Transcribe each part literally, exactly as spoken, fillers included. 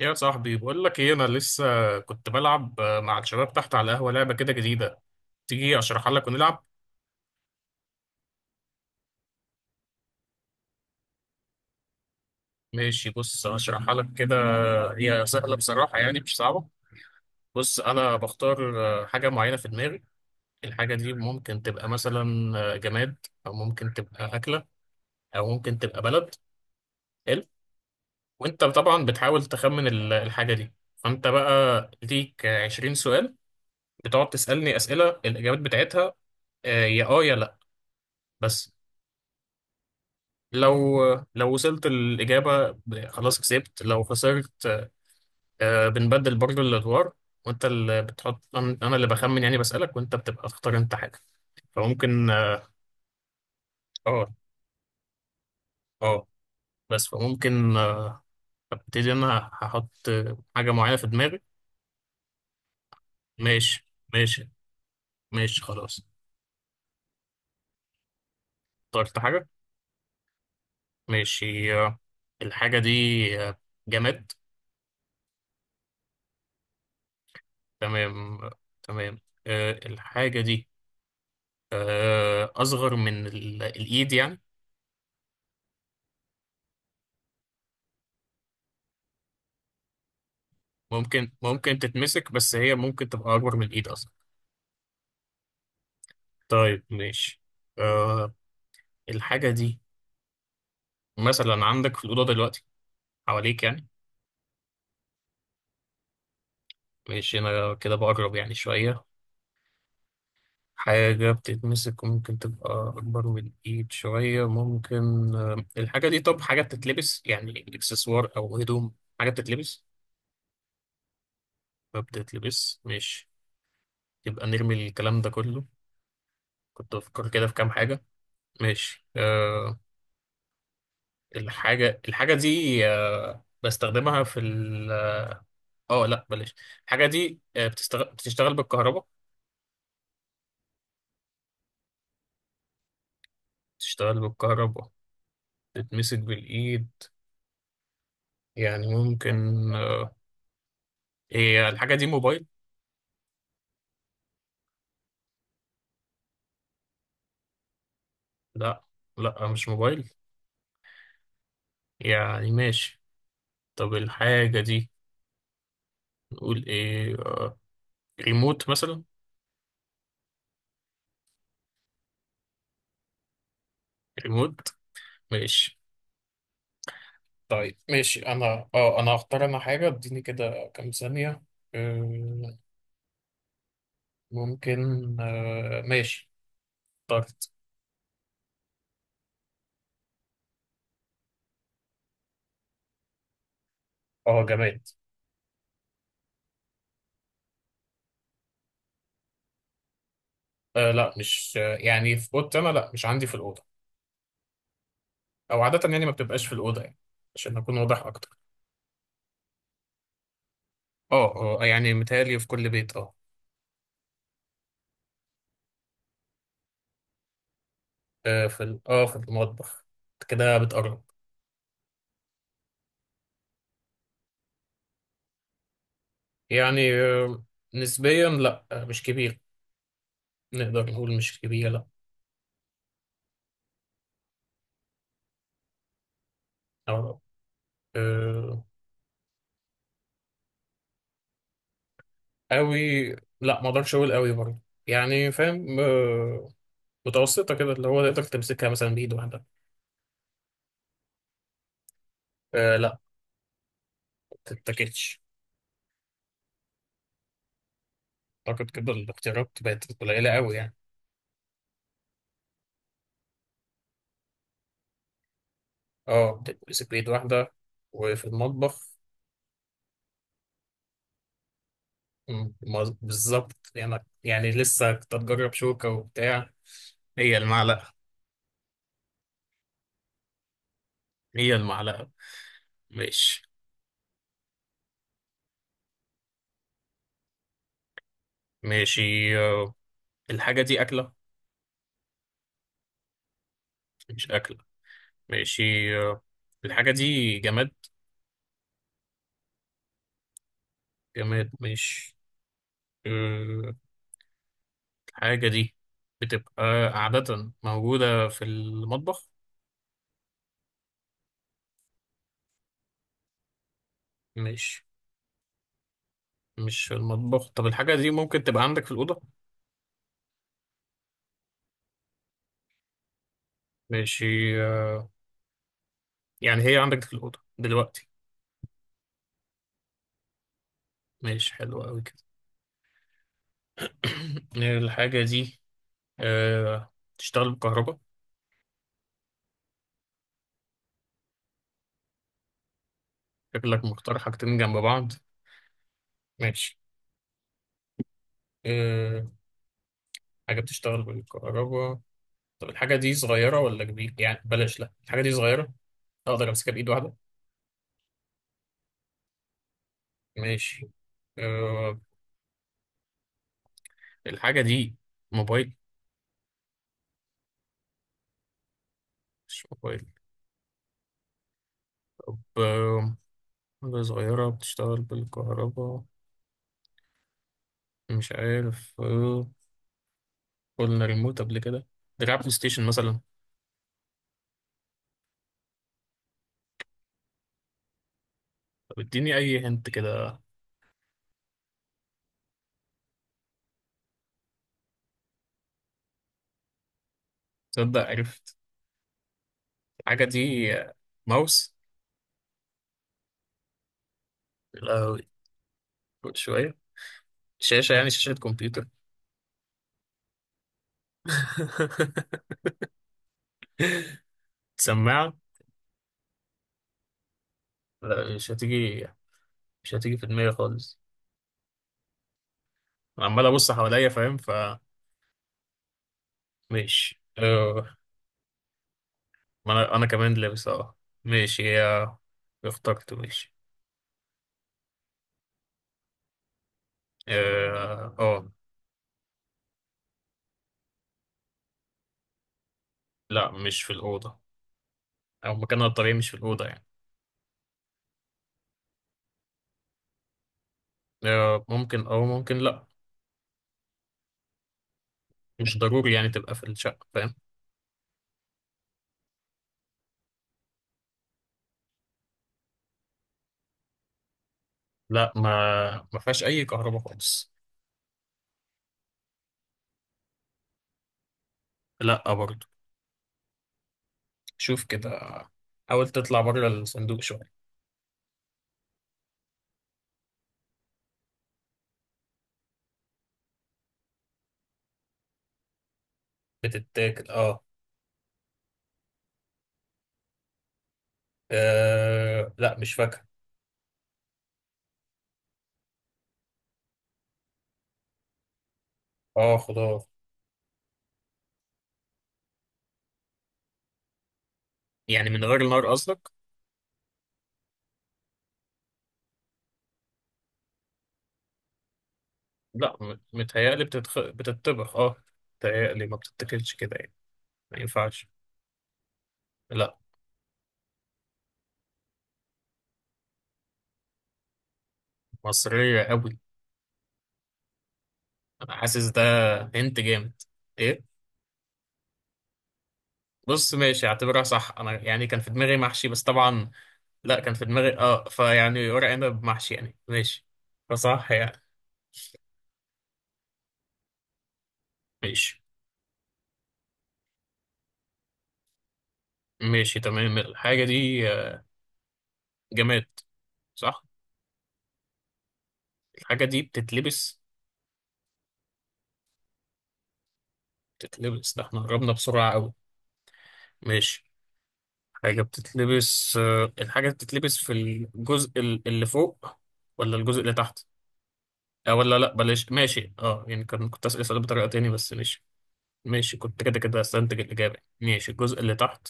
يا صاحبي بقول لك ايه؟ انا لسه كنت بلعب مع الشباب تحت على القهوه لعبه كده جديده. تيجي اشرحها لك ونلعب. ماشي، بص اشرحها لك كده. هي سهله بصراحه، يعني مش صعبه. بص، انا بختار حاجه معينه في دماغي. الحاجه دي ممكن تبقى مثلا جماد، او ممكن تبقى اكله، او ممكن تبقى بلد. حلو. وانت طبعا بتحاول تخمن ال- الحاجه دي. فانت بقى ليك عشرين سؤال بتقعد تسالني اسئله الاجابات بتاعتها آه، يا اه يا لا، بس. لو لو وصلت الإجابة ب- خلاص كسبت، لو خسرت. آه، بنبدل برضو الأدوار، وأنت اللي بتحط، أنا أنا اللي بخمن، يعني بسألك وأنت بتبقى تختار أنت حاجة. فممكن آه. آه آه، بس فممكن آه، أبتدي أنا. هحط آه، حاجة معينة في دماغي. ماشي ماشي ماشي خلاص. اخترت حاجة. ماشي. آه، الحاجة دي آه، جماد. تمام آه، تمام. آه، الحاجة دي آه، أصغر من ال- الإيد يعني. ممكن ممكن تتمسك، بس هي ممكن تبقى أكبر من الإيد أصلا. طيب ماشي. أه، الحاجة دي مثلا عندك في الأوضة دلوقتي، حواليك يعني. ماشي، أنا كده بقرب يعني شوية. حاجة بتتمسك وممكن تبقى أكبر من الإيد شوية، ممكن أه. الحاجة دي، طب حاجة بتتلبس؟ يعني إكسسوار أو هدوم، حاجة بتتلبس. ما بتتلبس، ماشي. يبقى نرمي الكلام ده كله، كنت بفكر كده في كام حاجة. ماشي أه. الحاجة الحاجة دي آه، بستخدمها في ال، اه لا بلاش. الحاجة دي آه، بتستغ... بتشتغل بالكهرباء. بتشتغل بالكهرباء، بتتمسك بالإيد، يعني ممكن. آه، هي الحاجة دي موبايل؟ لا. لا مش موبايل، يعني ماشي. طب الحاجة دي نقول ايه، ريموت مثلا؟ ريموت. ماشي. طيب ماشي، انا اه انا هختار انا حاجة، اديني كده كام ثانية. آه، ممكن آه، ماشي، اخترت. اه، جماد. آه لا، مش آه يعني في اوضتي انا لا، مش عندي في الاوضه. او عاده يعني ما بتبقاش في الاوضه يعني، عشان اكون واضح اكتر. اه اه، يعني متهيألي في كل بيت، اه. آه، في ال- اه في المطبخ. كده بتقرب. يعني آه، نسبيا لا، آه مش كبير. نقدر نقول مش كبيره، لا. أو آه قوي؟ لا، ما اقدرش اقول قوي برضه. يعني فاهم آه، متوسطه كده، اللي هو تقدر تمسكها مثلا بايد واحده. آه لا، ما تتاكلش. اعتقد كده الاختيارات بقت قليله قوي يعني. اه، بتتمسك بإيد واحدة، وفي المطبخ. مم، ما- بالظبط، يعني يعني لسه كنت أتجرب شوكة وبتاع. هي المعلقة. هي المعلقة. ماشي. ماشي آه، الحاجة دي أكلة؟ مش أكلة، ماشي. آه، الحاجة دي جماد. جماد، مش آه، الحاجة دي بتبقى عادة موجودة في المطبخ. مش مش في المطبخ. طب الحاجة دي ممكن تبقى عندك في الأوضة؟ ماشي آه، يعني هي عندك في الأوضة دلوقتي. ماشي، حلو أوي كده. الحاجة دي أه... تشتغل بالكهرباء. شكلك مختار حاجتين جنب بعض. ماشي أه... حاجة بتشتغل بالكهرباء. طب الحاجة دي صغيرة ولا كبيرة؟ يعني بلاش، لأ الحاجة دي صغيرة، أقدر أمسكها بإيد واحدة. ماشي أه... الحاجة دي موبايل؟ مش موبايل. طب آه، حاجة صغيرة بتشتغل بالكهرباء، مش عارف أه... قلنا ريموت قبل كده، دراع بلاي ستيشن مثلا. طب اديني أي هنت كده. تصدق عرفت. الحاجة دي ماوس. لا شوية. شاشة، يعني شاشة كمبيوتر. سماعة. لا، مش هتيجي، مش هتيجي في دماغي خالص. أنا عمال أبص حواليا، فاهم. فماشي أه. ما أنا، أنا كمان لابس أه. ماشي، هي، اخترت. ماشي أه آه. لا، مش في الأوضة، أو مكانها الطبيعي مش في الأوضة يعني. أه ممكن أو ممكن لأ، مش ضروري يعني تبقى في الشقة، فاهم. لأ، ما ما فيهاش أي كهرباء خالص. لأ برضه. شوف كده، حاول تطلع بره الصندوق شوية. بتتاكل، اه. آه، لا، مش فاكهة. اه، خضار. يعني من غير النار قصدك؟ لا م- متهيألي بتتخ... بتتطبخ اه. متهيألي ما بتتاكلش كده يعني، ما ينفعش. لا. مصرية قوي. أنا حاسس ده. هنت جامد. ايه؟ بص ماشي، اعتبرها صح. انا يعني كان في دماغي محشي، بس طبعا لا، كان في دماغي اه، فيعني ورق عنب محشي يعني، ماشي. فصح يعني. ماشي ماشي، تمام. الحاجة دي آه، جماد، صح. الحاجة دي بتتلبس. بتتلبس، ده احنا قربنا بسرعة قوي. ماشي. حاجة بتتلبس آه، الحاجة بتتلبس في الجزء ال- اللي فوق ولا الجزء اللي تحت؟ اه، ولا لا بلاش، ماشي. اه يعني كان، كنت أسأل السؤال بطريقة تاني بس ماشي. ماشي، كنت كده كده استنتج الإجابة. ماشي، الجزء اللي تحت.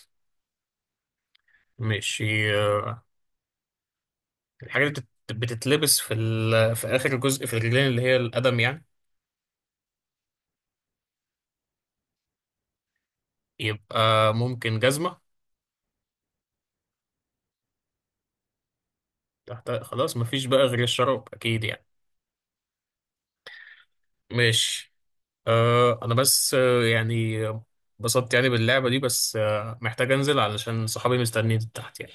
ماشي آه، الحاجة اللي بتت- بتتلبس في ال... في آخر جزء في الرجلين، اللي هي القدم يعني. يبقى ممكن جزمة؟ تحت؟ خلاص، مفيش بقى غير الشراب، أكيد يعني. ماشي. أه انا بس آه، يعني آه، انبسطت يعني باللعبة دي، بس آه، محتاج انزل علشان صحابي مستنيين تحت يعني.